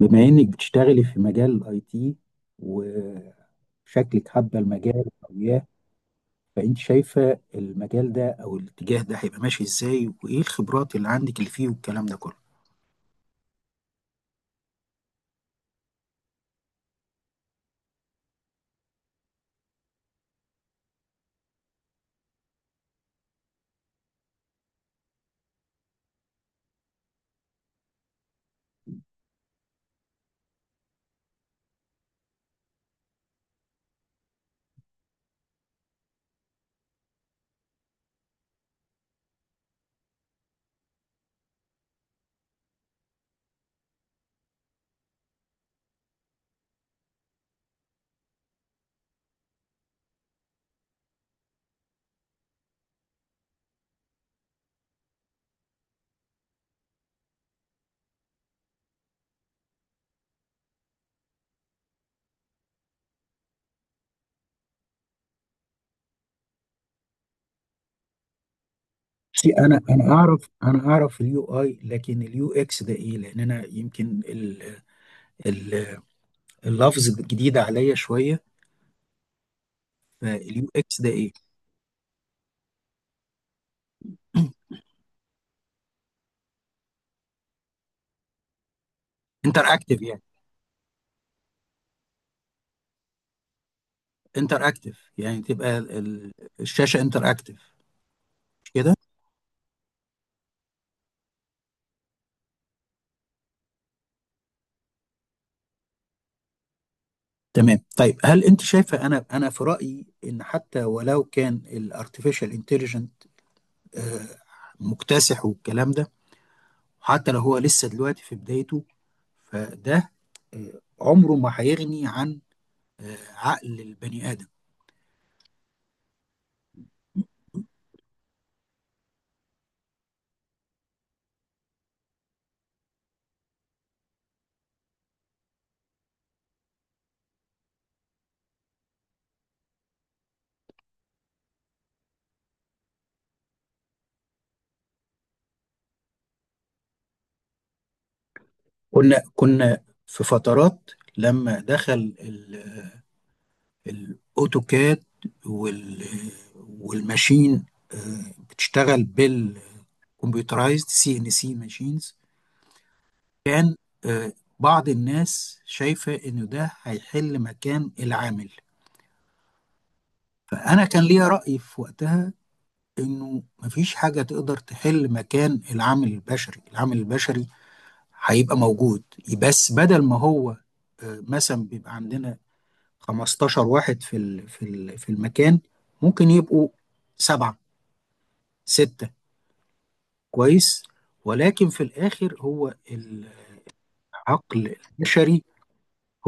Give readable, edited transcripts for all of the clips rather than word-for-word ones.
بما انك بتشتغلي في مجال الاي تي، وشكلك حابه المجال وياه. فانت شايفه المجال ده او الاتجاه ده هيبقى ماشي ازاي؟ وايه الخبرات اللي عندك اللي فيه والكلام ده كله؟ بصي، انا اعرف اليو اي، لكن اليو اكس ده ايه؟ لان انا يمكن ال ال اللفظ الجديد عليا شويه. فاليو اكس ده ايه؟ انتر اكتف يعني. انتر اكتف يعني تبقى الشاشه انتر اكتف، مش كده؟ تمام. طيب، هل انت شايفه، انا في رايي ان حتى ولو كان الارتفيشال انتليجنت مكتسح والكلام ده، حتى لو هو لسه دلوقتي في بدايته، فده عمره ما هيغني عن عقل البني ادم. كنا في فترات لما دخل الاوتوكاد وال والماشين، بتشتغل بالكمبيوترايزد سي ان سي ماشينز، كان آه، بعض الناس شايفة إنه ده هيحل مكان العامل. فأنا كان ليا رأي في وقتها إنه مفيش حاجة تقدر تحل مكان العامل البشري. العامل البشري هيبقى موجود، بس بدل ما هو مثلا بيبقى عندنا 15 واحد في في المكان، ممكن يبقوا سبعة، ستة. كويس. ولكن في الآخر هو العقل البشري،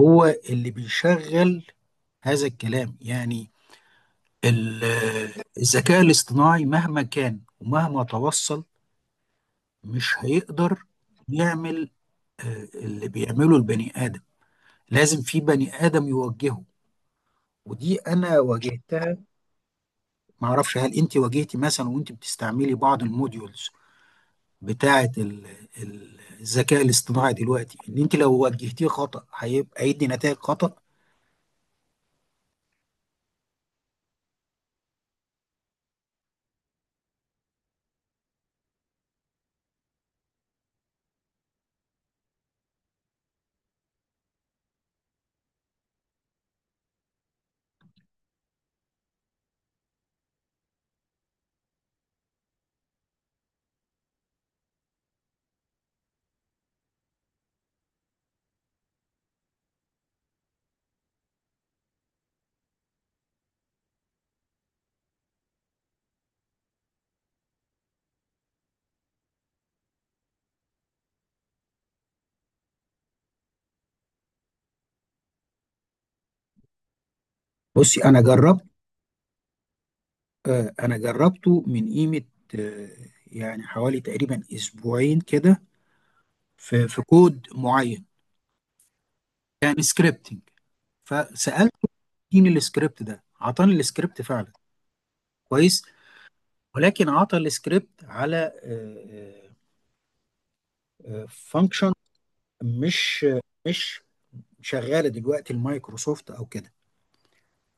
هو اللي بيشغل هذا الكلام. يعني ال- الذكاء الاصطناعي مهما كان ومهما توصل، مش هيقدر يعمل اللي بيعمله البني آدم، لازم في بني آدم يوجهه. ودي أنا واجهتها. معرفش هل أنت واجهتي مثلا وأنت بتستعملي بعض الموديولز بتاعة الذكاء الاصطناعي دلوقتي، إن أنت لو وجهتيه خطأ هيبقى هيدي نتائج خطأ. بصي، أنا جربت آه، انا جربته من قيمة، آه، يعني حوالي تقريبا اسبوعين كده، في كود معين، كان سكريبتنج، فسألته اديني السكريبت ده، عطاني السكريبت فعلا، كويس، ولكن عطى السكريبت على فانكشن مش مش شغالة دلوقتي المايكروسوفت او كده.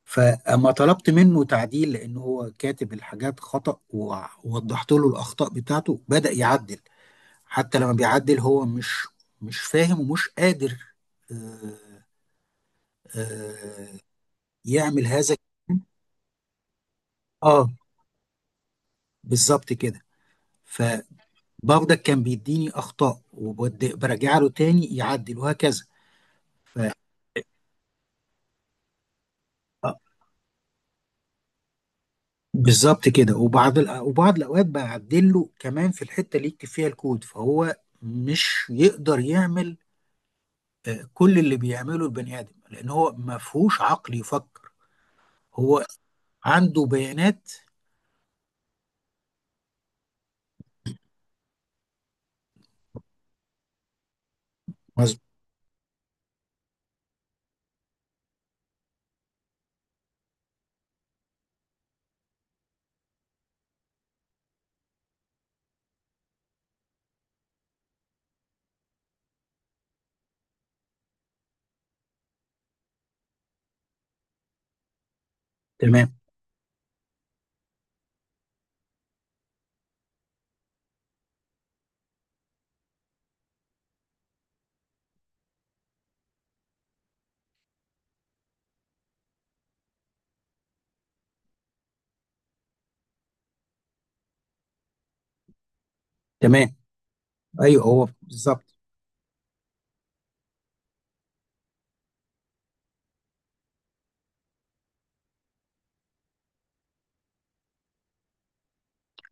فاما طلبت منه تعديل، لان هو كاتب الحاجات خطأ، ووضحت له الاخطاء بتاعته بدأ يعدل. حتى لما بيعدل هو مش فاهم ومش قادر آه، آه، يعمل هذا. اه، بالظبط كده. فبرضك كان بيديني اخطاء، وبرجع له تاني يعدل، وهكذا. ف آه، بالظبط كده. وبعض الاوقات بعدل له كمان في الحته اللي يكتب فيها الكود، فهو مش يقدر يعمل كل اللي بيعمله البني ادم، لان هو ما فيهوش عقل يفكر. هو عنده بيانات. مظبوط. تمام. تمام. ايوه، هو بالظبط.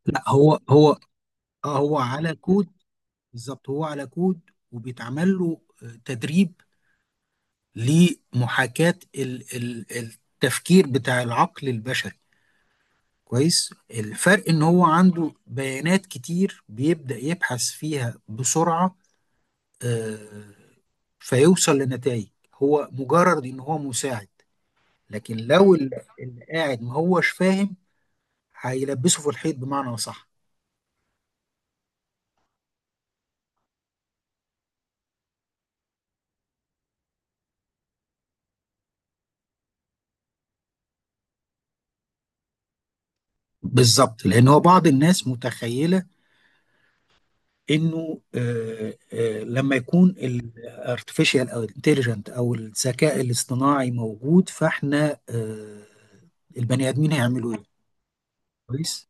لا، هو على كود. بالظبط، هو على كود، وبيتعمل له تدريب لمحاكاة التفكير بتاع العقل البشري. كويس. الفرق ان هو عنده بيانات كتير، بيبدأ يبحث فيها بسرعة، آه، فيوصل لنتائج. هو مجرد ان هو مساعد، لكن لو اللي قاعد ما هوش فاهم هيلبسه في الحيط، بمعنى صح. بالظبط. لان هو بعض الناس متخيله انه لما يكون الارتفيشال او الانتليجنت او الذكاء الاصطناعي موجود، فاحنا البني ادمين هيعملوا ايه؟ كويس.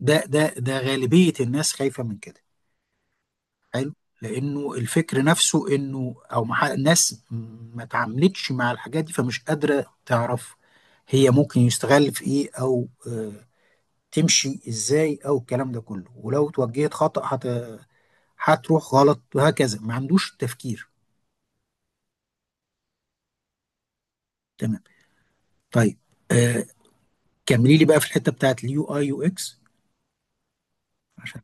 ده غالبيه الناس خايفه من كده. حلو. لانه الفكر نفسه انه الناس ما تعاملتش مع الحاجات دي، فمش قادره تعرف هي ممكن يستغل في ايه، او تمشي ازاي، او الكلام ده كله. ولو توجهت خطأ، هتروح غلط، وهكذا، ما عندوش تفكير. تمام. طيب، آه كملي لي بقى في الحته بتاعت اليو اي يو اكس. عشان،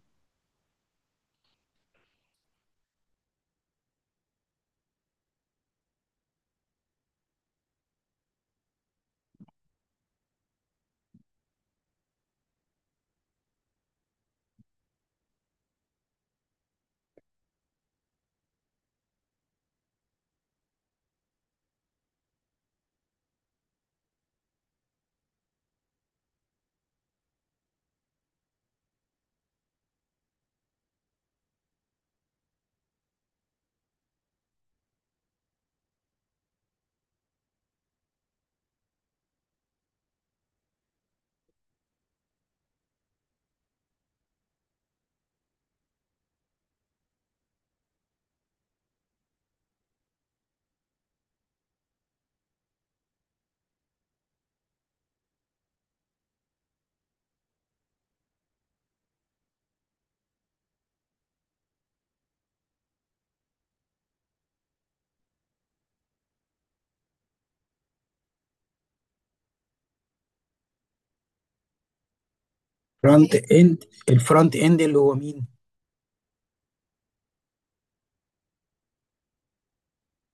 فرونت اند، الفرونت اند اللي هو مين؟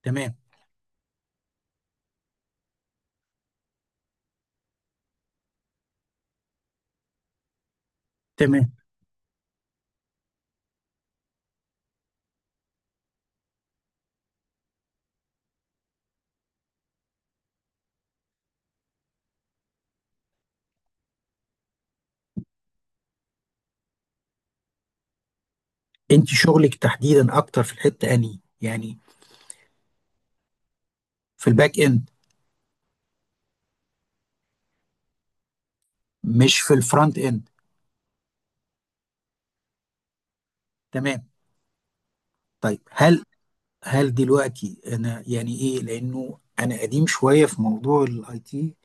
تمام. تمام، انت شغلك تحديدا اكتر في الحته، اني يعني، في الباك اند، مش في الفرونت اند. تمام. طيب، هل دلوقتي انا يعني ايه، لانه انا قديم شويه في موضوع الاي تي.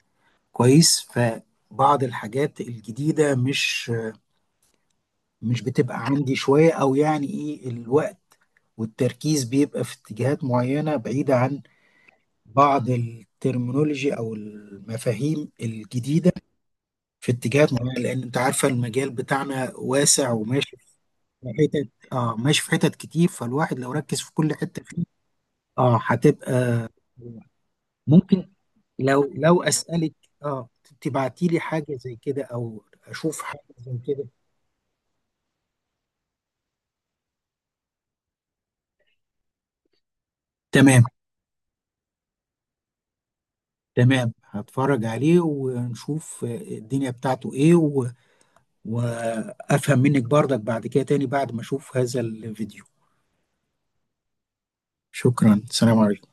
كويس. فبعض الحاجات الجديده مش بتبقى عندي شويه، او يعني ايه، الوقت والتركيز بيبقى في اتجاهات معينة بعيدة عن بعض الترمينولوجي أو المفاهيم الجديدة في اتجاهات معينة، لأن أنت عارفة المجال بتاعنا واسع وماشي في حتت، ماشي في حتت كتير، فالواحد لو ركز في كل حتة فيه، هتبقى ممكن، لو أسألك آه تبعتي لي حاجة زي كده، أو أشوف حاجة زي كده. تمام. تمام، هتفرج عليه ونشوف الدنيا بتاعته إيه، وافهم منك برضك بعد كده تاني بعد ما اشوف هذا الفيديو. شكرا، سلام عليكم.